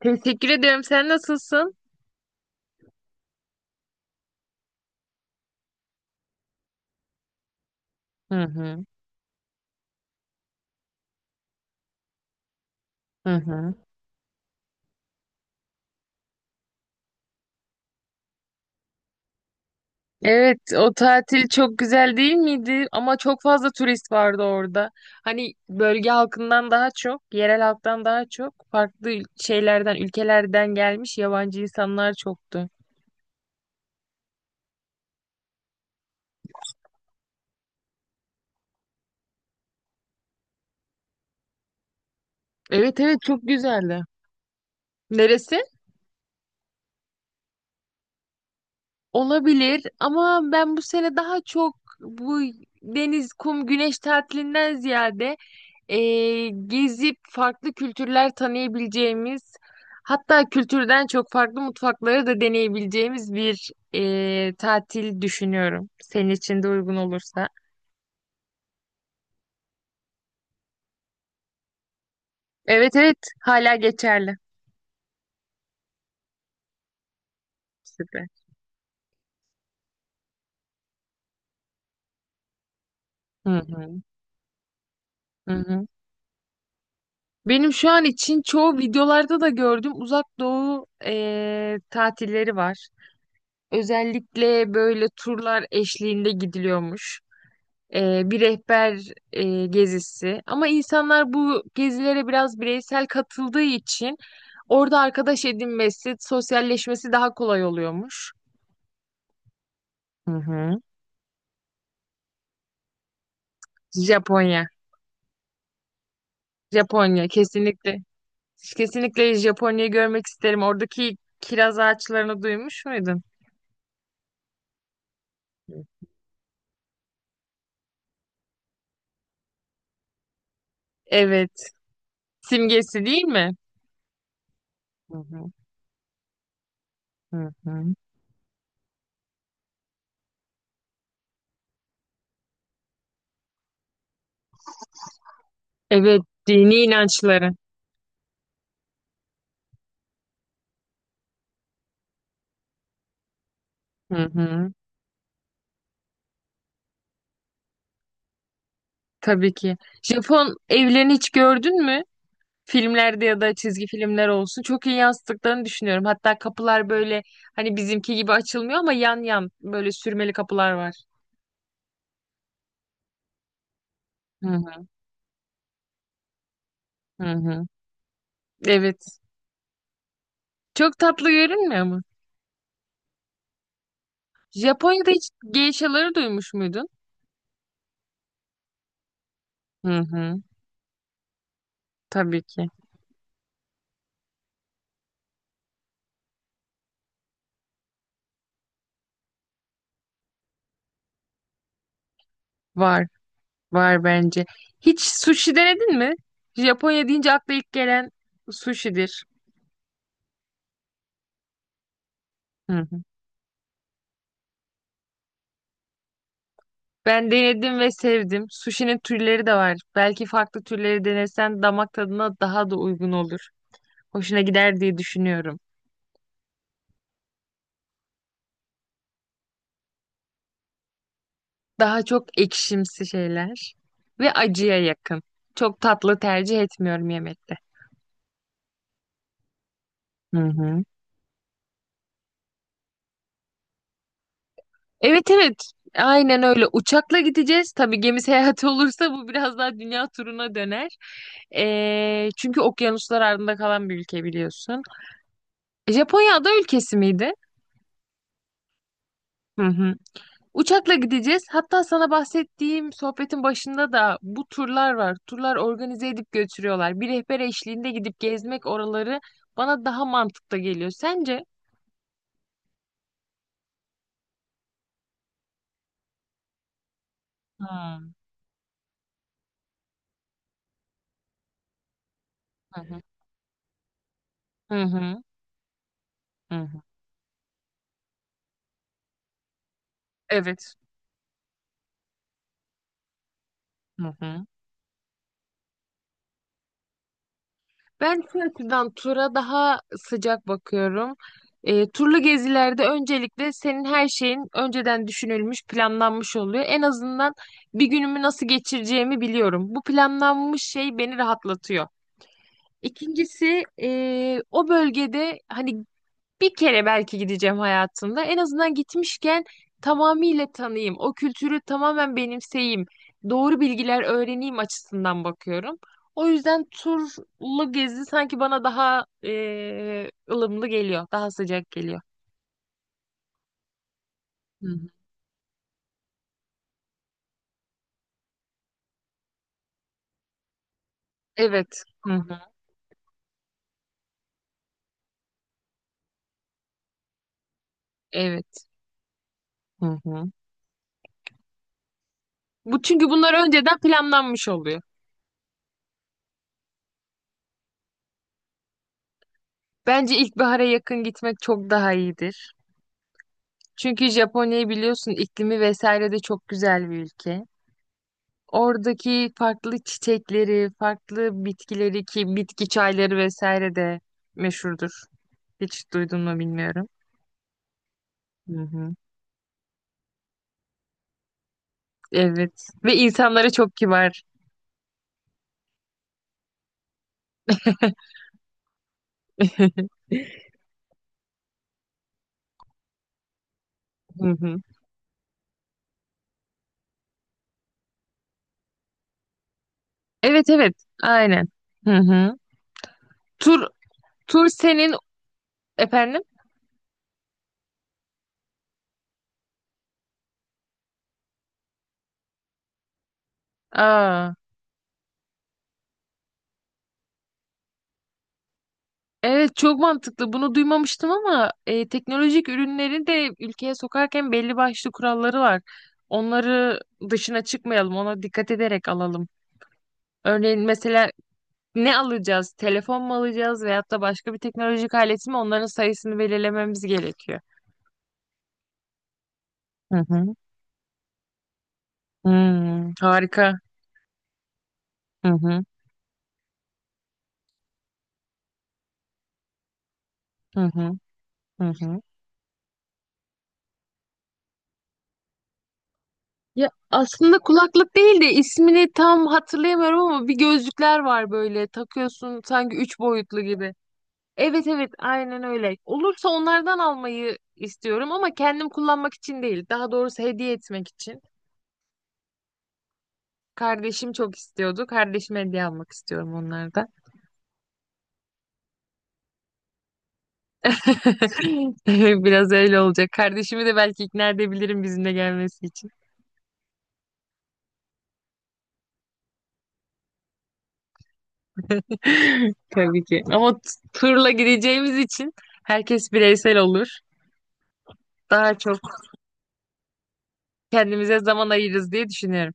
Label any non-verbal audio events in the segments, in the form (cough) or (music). Teşekkür ederim. Sen nasılsın? Hı hı. Hı hı. Evet, o tatil çok güzel değil miydi? Ama çok fazla turist vardı orada. Hani bölge halkından daha çok, yerel halktan daha çok farklı şeylerden, ülkelerden gelmiş yabancı insanlar çoktu. Evet evet çok güzeldi. Neresi? Olabilir ama ben bu sene daha çok bu deniz, kum, güneş tatilinden ziyade gezip farklı kültürler tanıyabileceğimiz hatta kültürden çok farklı mutfakları da deneyebileceğimiz bir tatil düşünüyorum. Senin için de uygun olursa. Evet evet hala geçerli. Süper. Hı hı, hı hı. Benim şu an için çoğu videolarda da gördüm Uzak Doğu tatilleri var. Özellikle böyle turlar eşliğinde gidiliyormuş. Bir rehber gezisi. Ama insanlar bu gezilere biraz bireysel katıldığı için orada arkadaş edinmesi, sosyalleşmesi daha kolay oluyormuş. Hı hı. Japonya. Japonya kesinlikle. Kesinlikle Japonya'yı görmek isterim. Oradaki kiraz ağaçlarını duymuş muydun? Evet. Simgesi değil mi? Hı hı. Hı hı. Evet, dini inançları. Hı hı. Tabii ki. Japon evlerini hiç gördün mü? Filmlerde ya da çizgi filmler olsun. Çok iyi yansıttıklarını düşünüyorum. Hatta kapılar böyle hani bizimki gibi açılmıyor ama yan yan böyle sürmeli kapılar var. Hı hı. hı hı. Evet. Çok tatlı görünmüyor mu? Japonya'da hiç geishaları duymuş muydun? Hı hı. Tabii ki. Var. Var bence. Hiç sushi denedin mi? Japonya deyince akla ilk gelen sushi'dir. Hı Ben denedim ve sevdim. Sushi'nin türleri de var. Belki farklı türleri denesen damak tadına daha da uygun olur. Hoşuna gider diye düşünüyorum. Daha çok ekşimsi şeyler ve acıya yakın. Çok tatlı tercih etmiyorum yemekte. Hı hı. Evet evet. Aynen öyle. Uçakla gideceğiz. Tabii gemi seyahati (laughs) olursa bu biraz daha dünya turuna döner. Çünkü okyanuslar ardında kalan bir ülke biliyorsun. Japonya ada ülkesi miydi? Hı hı. Uçakla gideceğiz. Hatta sana bahsettiğim sohbetin başında da bu turlar var. Turlar organize edip götürüyorlar. Bir rehber eşliğinde gidip gezmek oraları bana daha mantıklı geliyor. Sence? Hmm. Hı hı. Hı hı. Hı hı. Evet. Hı hı. Ben şu açıdan tura daha sıcak bakıyorum. Turlu gezilerde öncelikle senin her şeyin önceden düşünülmüş, planlanmış oluyor. En azından bir günümü nasıl geçireceğimi biliyorum. Bu planlanmış şey beni rahatlatıyor. İkincisi o bölgede hani bir kere belki gideceğim hayatımda. En azından gitmişken tamamıyla tanıyayım. O kültürü tamamen benimseyeyim. Doğru bilgiler öğreneyim açısından bakıyorum. O yüzden turlu gezi sanki bana daha ılımlı geliyor. Daha sıcak geliyor. Hı hı. Evet. Hı hı. Evet. Hı hı. Bu çünkü bunlar önceden planlanmış oluyor. Bence ilkbahara yakın gitmek çok daha iyidir. Çünkü Japonya'yı biliyorsun iklimi vesaire de çok güzel bir ülke. Oradaki farklı çiçekleri, farklı bitkileri ki bitki çayları vesaire de meşhurdur. Hiç duydun mu bilmiyorum. Hı hı. Evet. Ve insanları çok kibar. Hı hı. Evet evet. Aynen. Hı hı. Tur tur senin efendim. Aa. Evet çok mantıklı. Bunu duymamıştım ama teknolojik ürünleri de ülkeye sokarken belli başlı kuralları var. Onları dışına çıkmayalım, ona dikkat ederek alalım. Örneğin mesela ne alacağız? Telefon mu alacağız veyahut da başka bir teknolojik alet mi? Onların sayısını belirlememiz gerekiyor. Hı hı. Hmm, harika. Hı hı. Hı hı. Hı hı. Ya aslında kulaklık değil de ismini tam hatırlayamıyorum ama bir gözlükler var böyle takıyorsun sanki üç boyutlu gibi. Evet evet aynen öyle. Olursa onlardan almayı istiyorum ama kendim kullanmak için değil. Daha doğrusu hediye etmek için. Kardeşim çok istiyordu. Kardeşime hediye almak istiyorum onlardan. (laughs) Biraz öyle olacak. Kardeşimi de belki ikna edebilirim bizimle gelmesi için. (laughs) Tabii ki. Ama turla gideceğimiz için herkes bireysel olur. Daha çok kendimize zaman ayırırız diye düşünüyorum.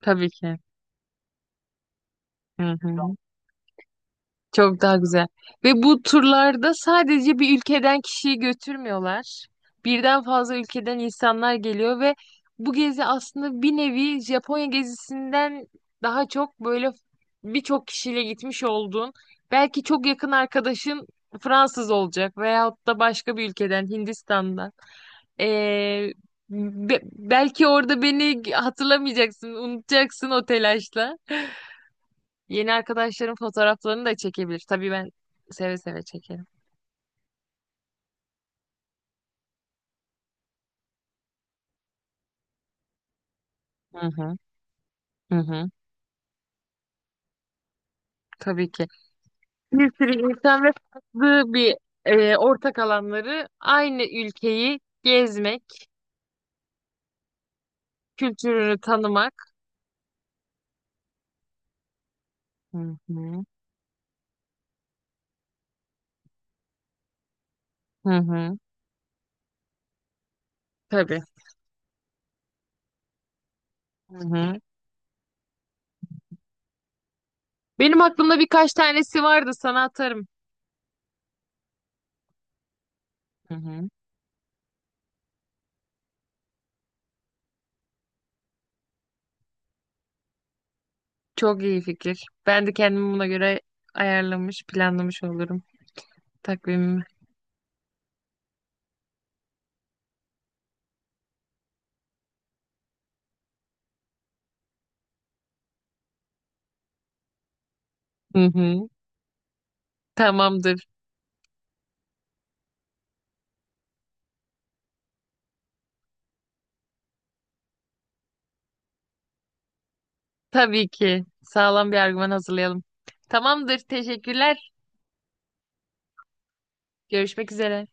Tabii ki. Hı hı. Çok daha güzel. Ve bu turlarda sadece bir ülkeden kişiyi götürmüyorlar. Birden fazla ülkeden insanlar geliyor ve bu gezi aslında bir nevi Japonya gezisinden daha çok böyle birçok kişiyle gitmiş olduğun, belki çok yakın arkadaşın Fransız olacak veyahut da başka bir ülkeden, Hindistan'dan. Ee, belki orada beni hatırlamayacaksın, unutacaksın o telaşla. Yeni arkadaşların fotoğraflarını da çekebilir. Tabii ben seve seve çekerim. Hı hı, hı hı. Tabii ki. Bir sürü insan ve farklı bir ortak alanları aynı ülkeyi gezmek, kültürünü tanımak. Hı hı, hı hı. Tabii. Hı hı. Benim aklımda birkaç tanesi vardı sana atarım. Hı hı. Çok iyi fikir. Ben de kendimi buna göre ayarlamış, planlamış olurum takvimimi. Hı hı. Tamamdır. Tabii ki. Sağlam bir argüman hazırlayalım. Tamamdır. Teşekkürler. Görüşmek üzere.